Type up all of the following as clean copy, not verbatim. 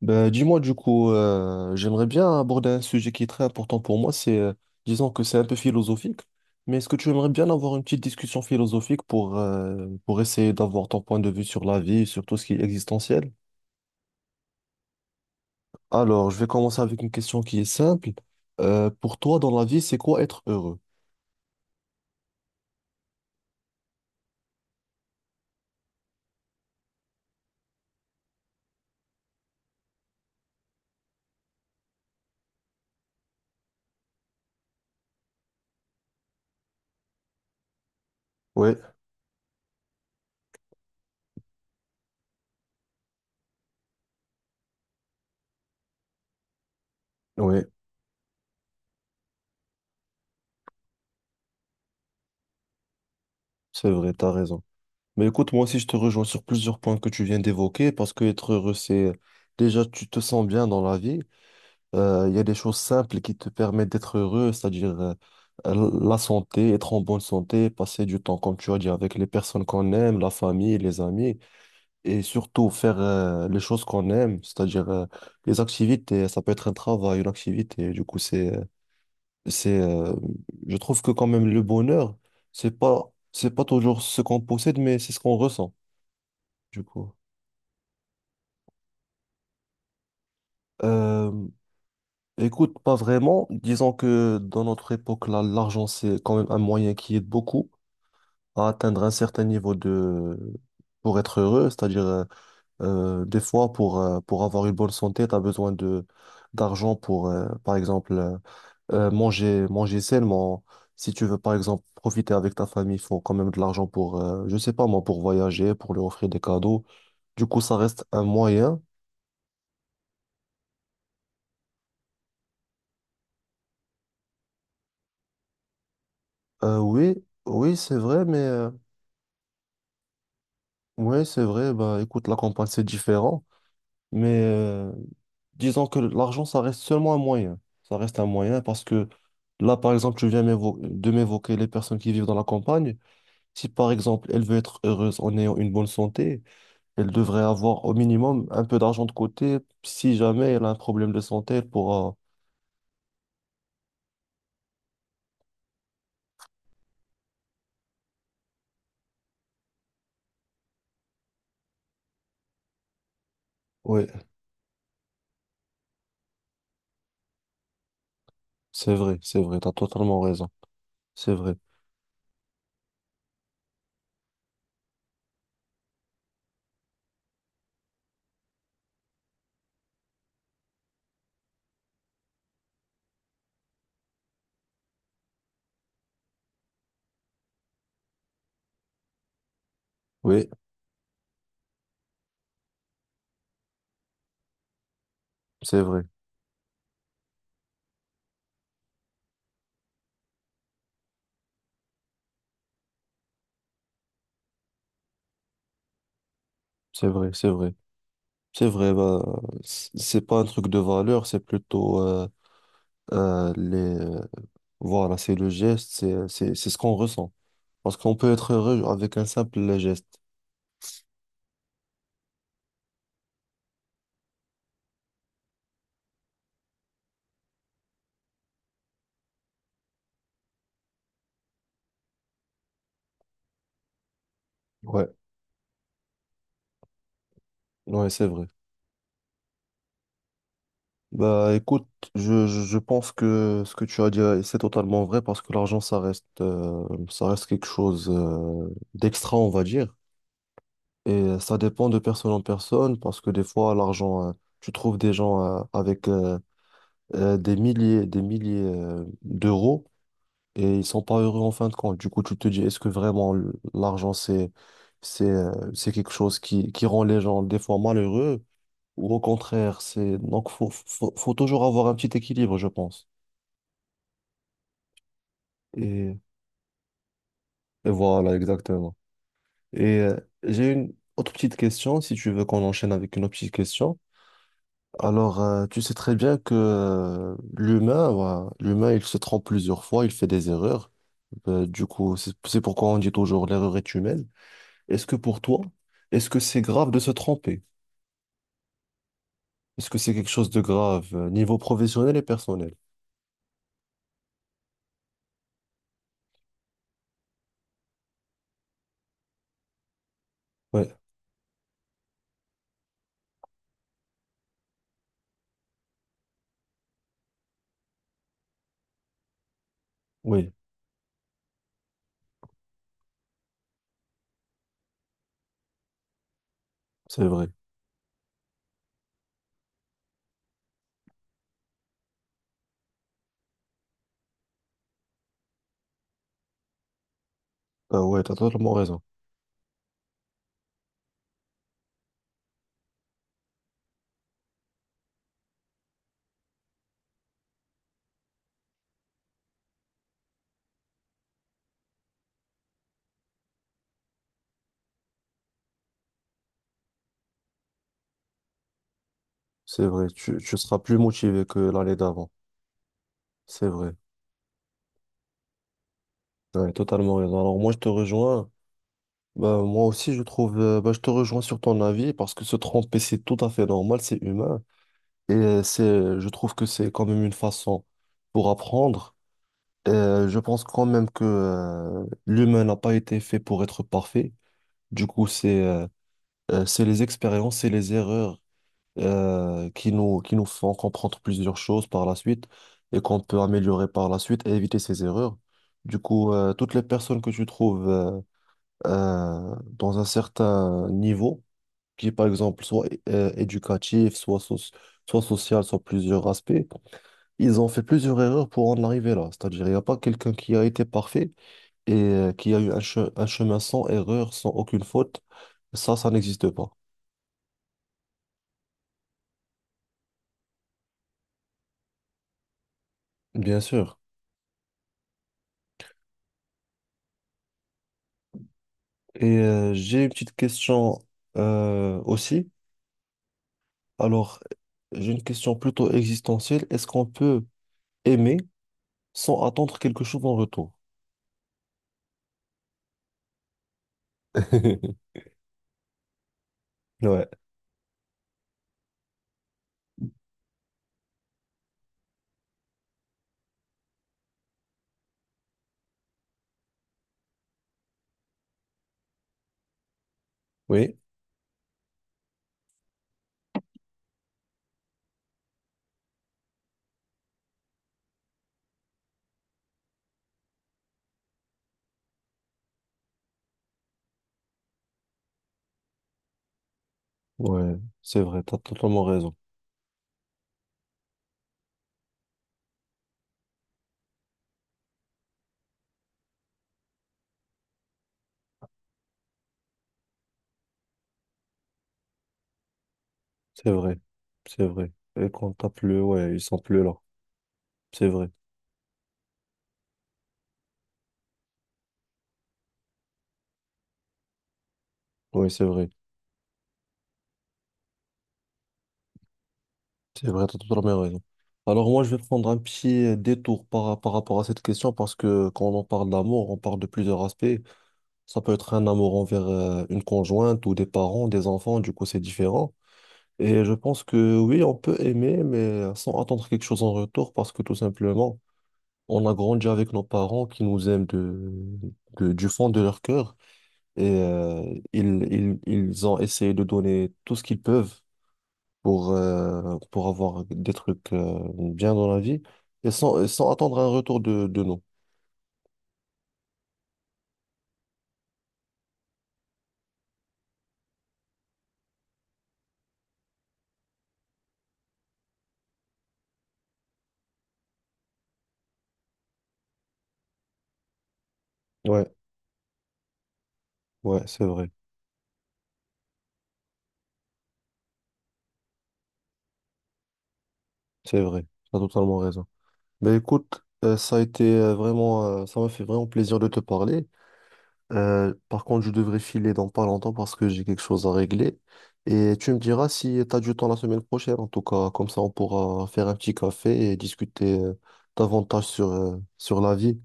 J'aimerais bien aborder un sujet qui est très important pour moi, c'est, disons que c'est un peu philosophique, mais est-ce que tu aimerais bien avoir une petite discussion philosophique pour essayer d'avoir ton point de vue sur la vie, sur tout ce qui est existentiel? Alors, je vais commencer avec une question qui est simple. Pour toi, dans la vie, c'est quoi être heureux? Oui, oui, c'est vrai, t'as raison. Mais écoute, moi aussi, je te rejoins sur plusieurs points que tu viens d'évoquer, parce que être heureux, c'est déjà, tu te sens bien dans la vie. Il y a des choses simples qui te permettent d'être heureux, c'est-à-dire la santé, être en bonne santé, passer du temps, comme tu as dit, avec les personnes qu'on aime, la famille, les amis, et surtout faire les choses qu'on aime, c'est-à-dire les activités. Ça peut être un travail, une activité. Du coup, c'est, euh, je trouve que quand même le bonheur, c'est pas toujours ce qu'on possède, mais c'est ce qu'on ressent. Du coup. Euh, Écoute, pas vraiment. Disons que dans notre époque, là, l'argent, c'est quand même un moyen qui aide beaucoup à atteindre un certain niveau de... pour être heureux. C'est-à-dire, des fois, pour pour avoir une bonne santé, tu as besoin de d'argent pour, par exemple, manger, manger sainement. Si tu veux, par exemple, profiter avec ta famille, il faut quand même de l'argent pour, je sais pas moi, pour voyager, pour leur offrir des cadeaux. Du coup, ça reste un moyen. Euh, oui, oui, c'est vrai, mais... oui, c'est vrai, bah écoute, la campagne c'est différent, mais disons que l'argent ça reste seulement un moyen. Ça reste un moyen parce que là par exemple, tu viens de m'évoquer les personnes qui vivent dans la campagne. Si par exemple elle veut être heureuse en ayant une bonne santé, elle devrait avoir au minimum un peu d'argent de côté. Si jamais elle a un problème de santé, elle pourra. Oui, c'est vrai, t'as totalement raison. C'est vrai, oui, c'est vrai, c'est vrai, c'est vrai. C'est vrai, bah, c'est pas un truc de valeur, c'est plutôt. Euh, les, euh, voilà, c'est le geste, c'est ce qu'on ressent. Parce qu'on peut être heureux avec un simple geste. Ouais, ouais, c'est vrai. Bah écoute, je pense que ce que tu as dit, c'est totalement vrai parce que l'argent, ça reste, ça reste quelque chose d'extra, on va dire. Et ça dépend de personne en personne parce que des fois, l'argent, tu trouves des gens avec des milliers d'euros et ils sont pas heureux en fin de compte. Du coup, tu te dis, est-ce que vraiment l'argent, c'est c'est quelque chose qui rend les gens des fois malheureux ou au contraire, c'est, donc, faut toujours avoir un petit équilibre, je pense. Et, et voilà, exactement. Et j'ai une autre petite question, si tu veux qu'on enchaîne avec une autre petite question. Alors, tu sais très bien que l'humain, voilà, l'humain, il se trompe plusieurs fois, il fait des erreurs. Du coup, c'est pourquoi on dit toujours l'erreur est humaine. Est-ce que pour toi, est-ce que c'est grave de se tromper? Est-ce que c'est quelque chose de grave, niveau professionnel et personnel? Ouais, oui, c'est vrai. Ah ouais, t'as totalement raison. C'est vrai, tu seras plus motivé que l'année d'avant. C'est vrai. Ouais, totalement raison. Alors moi, je te rejoins. Bah, moi aussi, je trouve, bah, je te rejoins sur ton avis parce que se tromper, c'est tout à fait normal, c'est humain. Et je trouve que c'est quand même une façon pour apprendre. Je pense quand même que l'humain n'a pas été fait pour être parfait. Du coup, c'est les expériences et les erreurs qui nous font comprendre plusieurs choses par la suite et qu'on peut améliorer par la suite et éviter ces erreurs. Du coup, toutes les personnes que tu trouves dans un certain niveau, qui est par exemple soit éducatif, soit soit social, soit plusieurs aspects, ils ont fait plusieurs erreurs pour en arriver là. C'est-à-dire, il n'y a pas quelqu'un qui a été parfait et qui a eu un chemin sans erreur, sans aucune faute. Ça n'existe pas. Bien sûr. Et j'ai une petite question aussi. Alors, j'ai une question plutôt existentielle. Est-ce qu'on peut aimer sans attendre quelque chose en retour? Ouais, oui, ouais, c'est vrai, t'as totalement raison. C'est vrai, c'est vrai. Et quand t'as plus, ouais, ils sont plus là. C'est vrai, oui, c'est vrai, t'as totalement raison. Alors moi, je vais prendre un petit détour par rapport à cette question parce que quand on parle d'amour, on parle de plusieurs aspects. Ça peut être un amour envers une conjointe ou des parents, des enfants, du coup c'est différent. Et je pense que oui, on peut aimer, mais sans attendre quelque chose en retour, parce que tout simplement, on a grandi avec nos parents qui nous aiment du fond de leur cœur. Et ils ont essayé de donner tout ce qu'ils peuvent pour avoir des trucs bien dans la vie, et sans attendre un retour de nous. Ouais, ouais, c'est vrai. Tu as totalement raison. Ben écoute, ça m'a fait vraiment plaisir de te parler. Par contre, je devrais filer dans pas longtemps parce que j'ai quelque chose à régler. Et tu me diras si tu as du temps la semaine prochaine. En tout cas, comme ça, on pourra faire un petit café et discuter davantage sur la vie.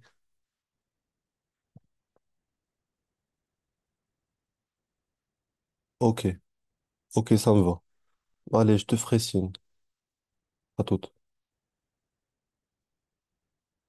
Ok, ok, ça me va. Allez, je te ferai signe. À toute.